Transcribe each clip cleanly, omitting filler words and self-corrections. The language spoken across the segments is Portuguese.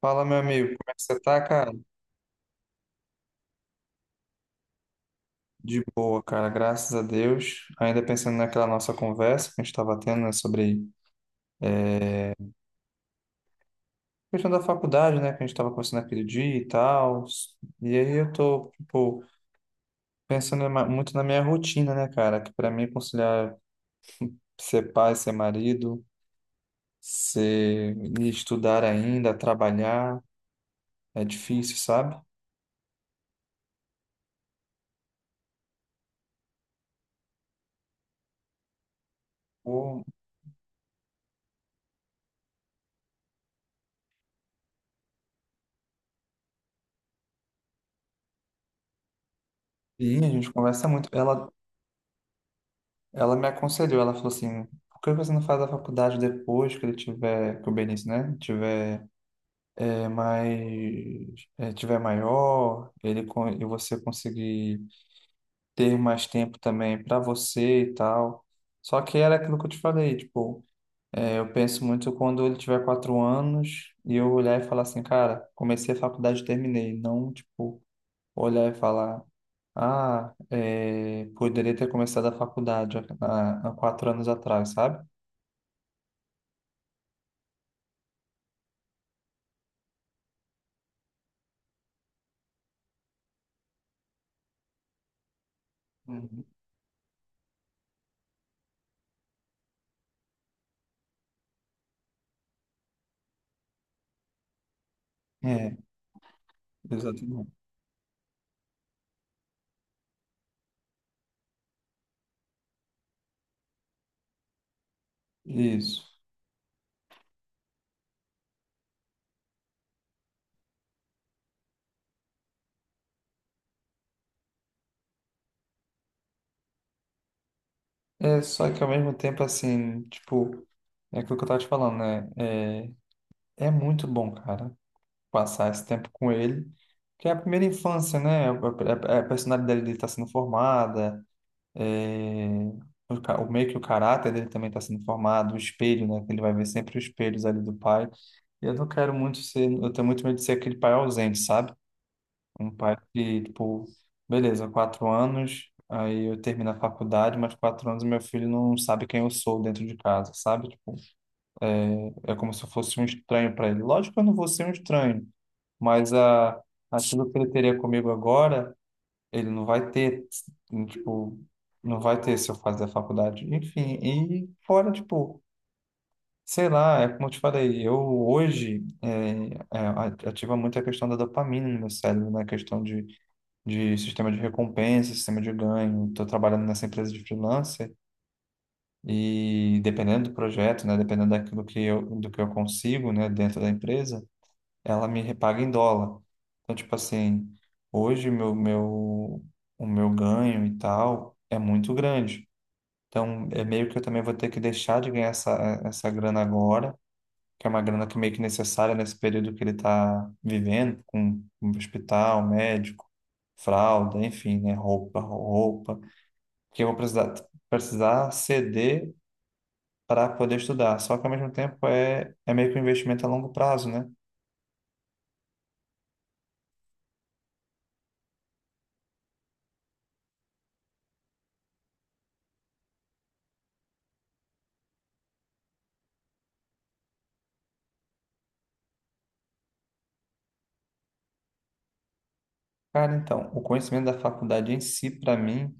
Fala, meu amigo, como é que você tá, cara? De boa, cara, graças a Deus. Ainda pensando naquela nossa conversa que a gente estava tendo, né, sobre a questão da faculdade, né, que a gente estava conversando aquele dia e tal. E aí eu tô, tipo, pensando muito na minha rotina, né, cara, que para mim é conciliar ser pai, ser marido, ser e estudar ainda, trabalhar, é difícil, sabe? Pô. E a gente conversa muito. Ela me aconselhou, ela falou assim, por que você não faz a faculdade depois que ele tiver, que o Benício, né, tiver mais, tiver maior, e você conseguir ter mais tempo também para você e tal. Só que era aquilo que eu te falei, tipo, eu penso muito quando ele tiver 4 anos e eu olhar e falar assim, cara, comecei a faculdade, e terminei, não, tipo olhar e falar, ah, poderia ter começado a faculdade há 4 anos atrás, sabe? Uhum. É, exatamente. Isso. É, só que ao mesmo tempo, assim, tipo, é aquilo que eu tava te falando, né? É muito bom, cara, passar esse tempo com ele, que é a primeira infância, né? A personalidade dele está sendo formada, é, o meio que o caráter dele também está sendo formado, o espelho, né, que ele vai ver sempre os espelhos ali do pai. E eu não quero muito ser, eu tenho muito medo de ser aquele pai ausente, sabe? Um pai que, tipo, beleza, 4 anos, aí eu termino a faculdade, mas 4 anos meu filho não sabe quem eu sou dentro de casa, sabe? Tipo, é como se eu fosse um estranho para ele. Lógico que eu não vou ser um estranho, mas aquilo que ele teria comigo agora, ele não vai ter, tipo, não vai ter se eu fazer a faculdade. Enfim, e fora, tipo, sei lá, é como eu te falei, eu hoje ativa muito a questão da dopamina no meu cérebro, né? A questão de sistema de recompensa, sistema de ganho. Estou trabalhando nessa empresa de freelancer e dependendo do projeto, né? Dependendo daquilo que eu, do que eu consigo, né, dentro da empresa ela me repaga em dólar. Então, tipo assim, hoje o meu ganho e tal é muito grande. Então, é meio que eu também vou ter que deixar de ganhar essa grana agora, que é uma grana que é meio que necessária nesse período que ele está vivendo, com hospital, médico, fralda, enfim, né? Roupa, roupa, que eu vou precisar, precisar ceder para poder estudar. Só que, ao mesmo tempo, é meio que um investimento a longo prazo, né? Cara, então, o conhecimento da faculdade em si, para mim,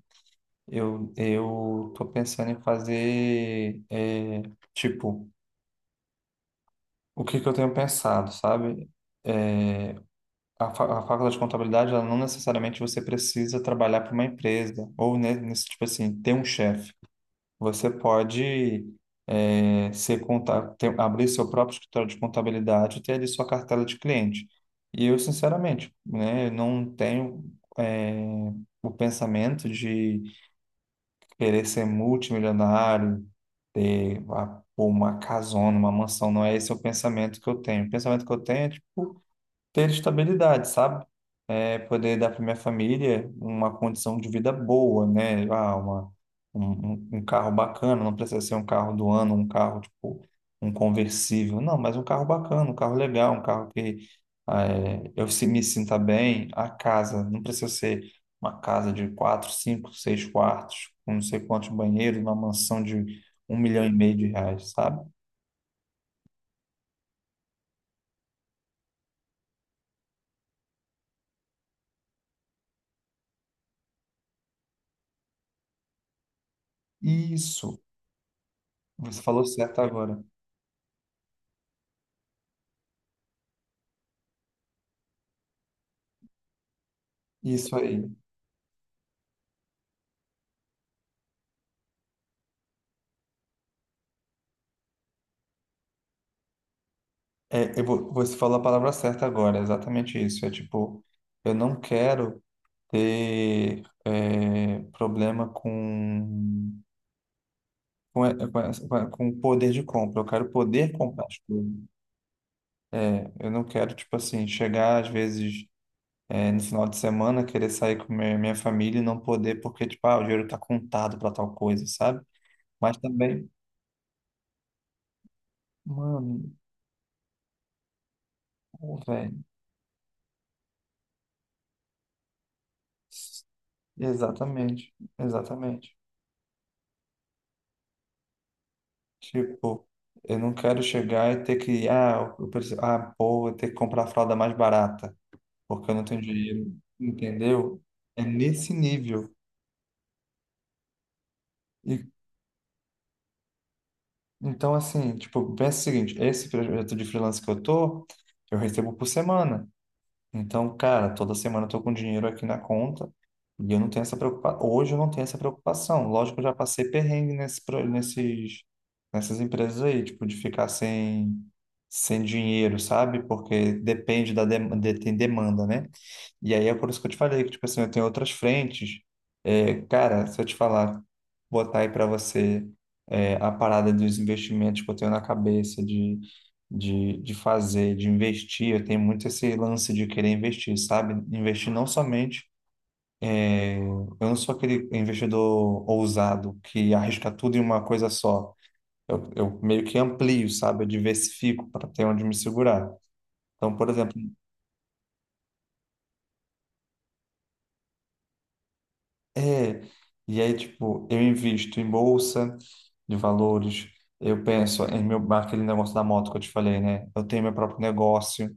eu tô pensando em fazer, tipo, o que que eu tenho pensado, sabe? É, a faculdade de contabilidade, ela não necessariamente você precisa trabalhar para uma empresa, ou nesse, tipo assim, ter um chefe. Você pode abrir seu próprio escritório de contabilidade e ter ali sua cartela de cliente. E eu, sinceramente, né, eu não tenho eh, o pensamento de querer ser multimilionário, ter pô, uma casona, uma mansão. Não é esse o pensamento que eu tenho. O pensamento que eu tenho é, tipo, ter estabilidade, sabe? É, poder dar para minha família uma condição de vida boa, né? Ah, uma, um, um um carro bacana, não precisa ser um carro do ano, um carro tipo um conversível, não, mas um carro bacana, um carro legal, um carro que ah, é, eu se- me sinta bem. A casa, não precisa ser uma casa de quatro, cinco, seis quartos, com não sei quantos banheiros, uma mansão de 1,5 milhão de reais, sabe? Isso, você falou certo agora. Isso aí. É, eu vou, você falou a palavra certa agora, é exatamente isso. É tipo, eu não quero ter problema com, e- com, essa- com a- com o poder de compra, eu quero poder comprar as coisas. É, eu não quero, tipo assim, chegar às vezes no final de semana, querer sair com minha família e não poder, porque, tipo, ah, o dinheiro tá contado para tal coisa, sabe? Mas também, mano, pô, velho, exatamente, exatamente. Tipo, eu não quero chegar e ter que, ah, eu preciso, ah, pô, vou ter que comprar a fralda mais barata, porque eu não tenho dinheiro, entendeu? É nesse nível. E, então, assim, tipo, pensa o seguinte, esse projeto de freelance que eu tô, eu recebo por semana. Então, cara, toda semana eu tô com dinheiro aqui na conta e eu não tenho essa preocupação. Hoje eu não tenho essa preocupação. Lógico que eu já passei perrengue nessas empresas aí, tipo, de ficar sem dinheiro, sabe? Porque depende tem demanda, né? E aí é por isso que eu te falei que, tipo assim, eu tenho outras frentes. É, cara, se eu te falar, botar aí para você a parada dos investimentos que eu tenho na cabeça de fazer, de investir, eu tenho muito esse lance de querer investir, sabe? Investir não somente. Eu não sou aquele investidor ousado que arrisca tudo em uma coisa só. Eu meio que amplio, sabe? Eu diversifico para ter onde me segurar. Então, por exemplo, é, e aí, tipo, eu invisto em bolsa de valores, eu penso em meu, aquele negócio da moto que eu te falei, né? Eu tenho meu próprio negócio,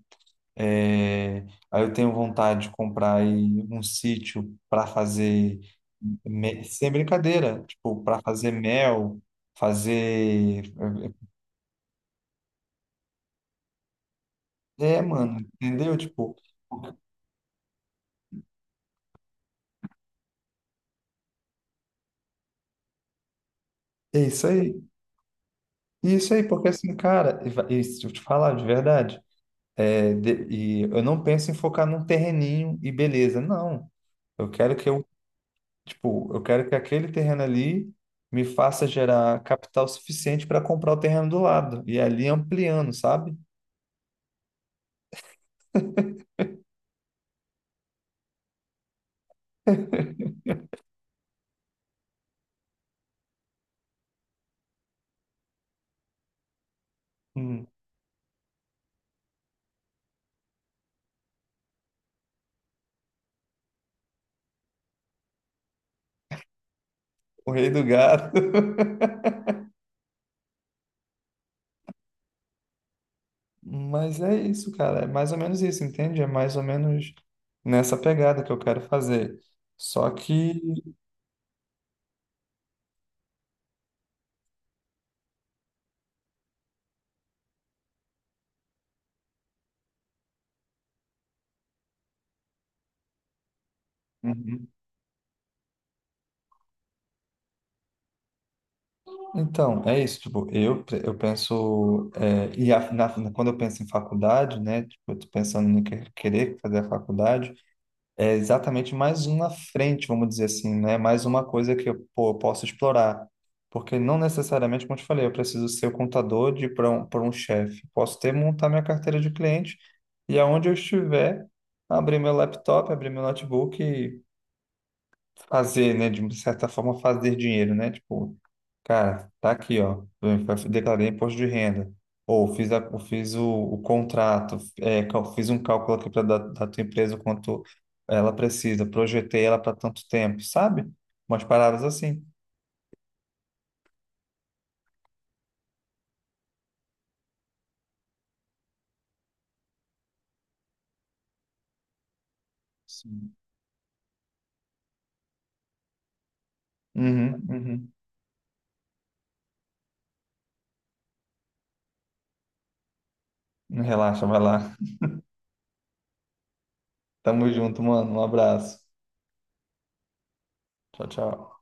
é, aí eu tenho vontade de comprar aí um sítio para fazer, sem brincadeira, tipo, para fazer mel, fazer. É, mano, entendeu? Tipo, é isso aí. Isso aí, porque assim, cara, e se eu te falar de verdade. É, e eu não penso em focar num terreninho e beleza, não. Eu quero que eu, tipo, eu quero que aquele terreno ali me faça gerar capital suficiente para comprar o terreno do lado e ali ampliando, sabe? Hum, o rei do gato. Mas é isso, cara. É mais ou menos isso, entende? É mais ou menos nessa pegada que eu quero fazer. Só que. Uhum. Então, é isso, tipo, eu penso, quando eu penso em faculdade, né, tipo, eu tô pensando em querer fazer a faculdade, é exatamente mais uma frente, vamos dizer assim, né, mais uma coisa que eu, pô, eu posso explorar, porque não necessariamente, como eu te falei, eu preciso ser o contador pra um chefe, posso ter, montar minha carteira de cliente, e aonde eu estiver, abrir meu laptop, abrir meu notebook e fazer, né, de certa forma fazer dinheiro, né, tipo, cara, tá aqui, ó. Eu declarei imposto de renda. Ou fiz, a, eu fiz o contrato, fiz um cálculo aqui para da tua empresa quanto ela precisa, projetei ela para tanto tempo, sabe? Umas paradas assim. Sim. Uhum, uhum. Relaxa, vai lá. Tamo junto, mano. Um abraço. Tchau, tchau.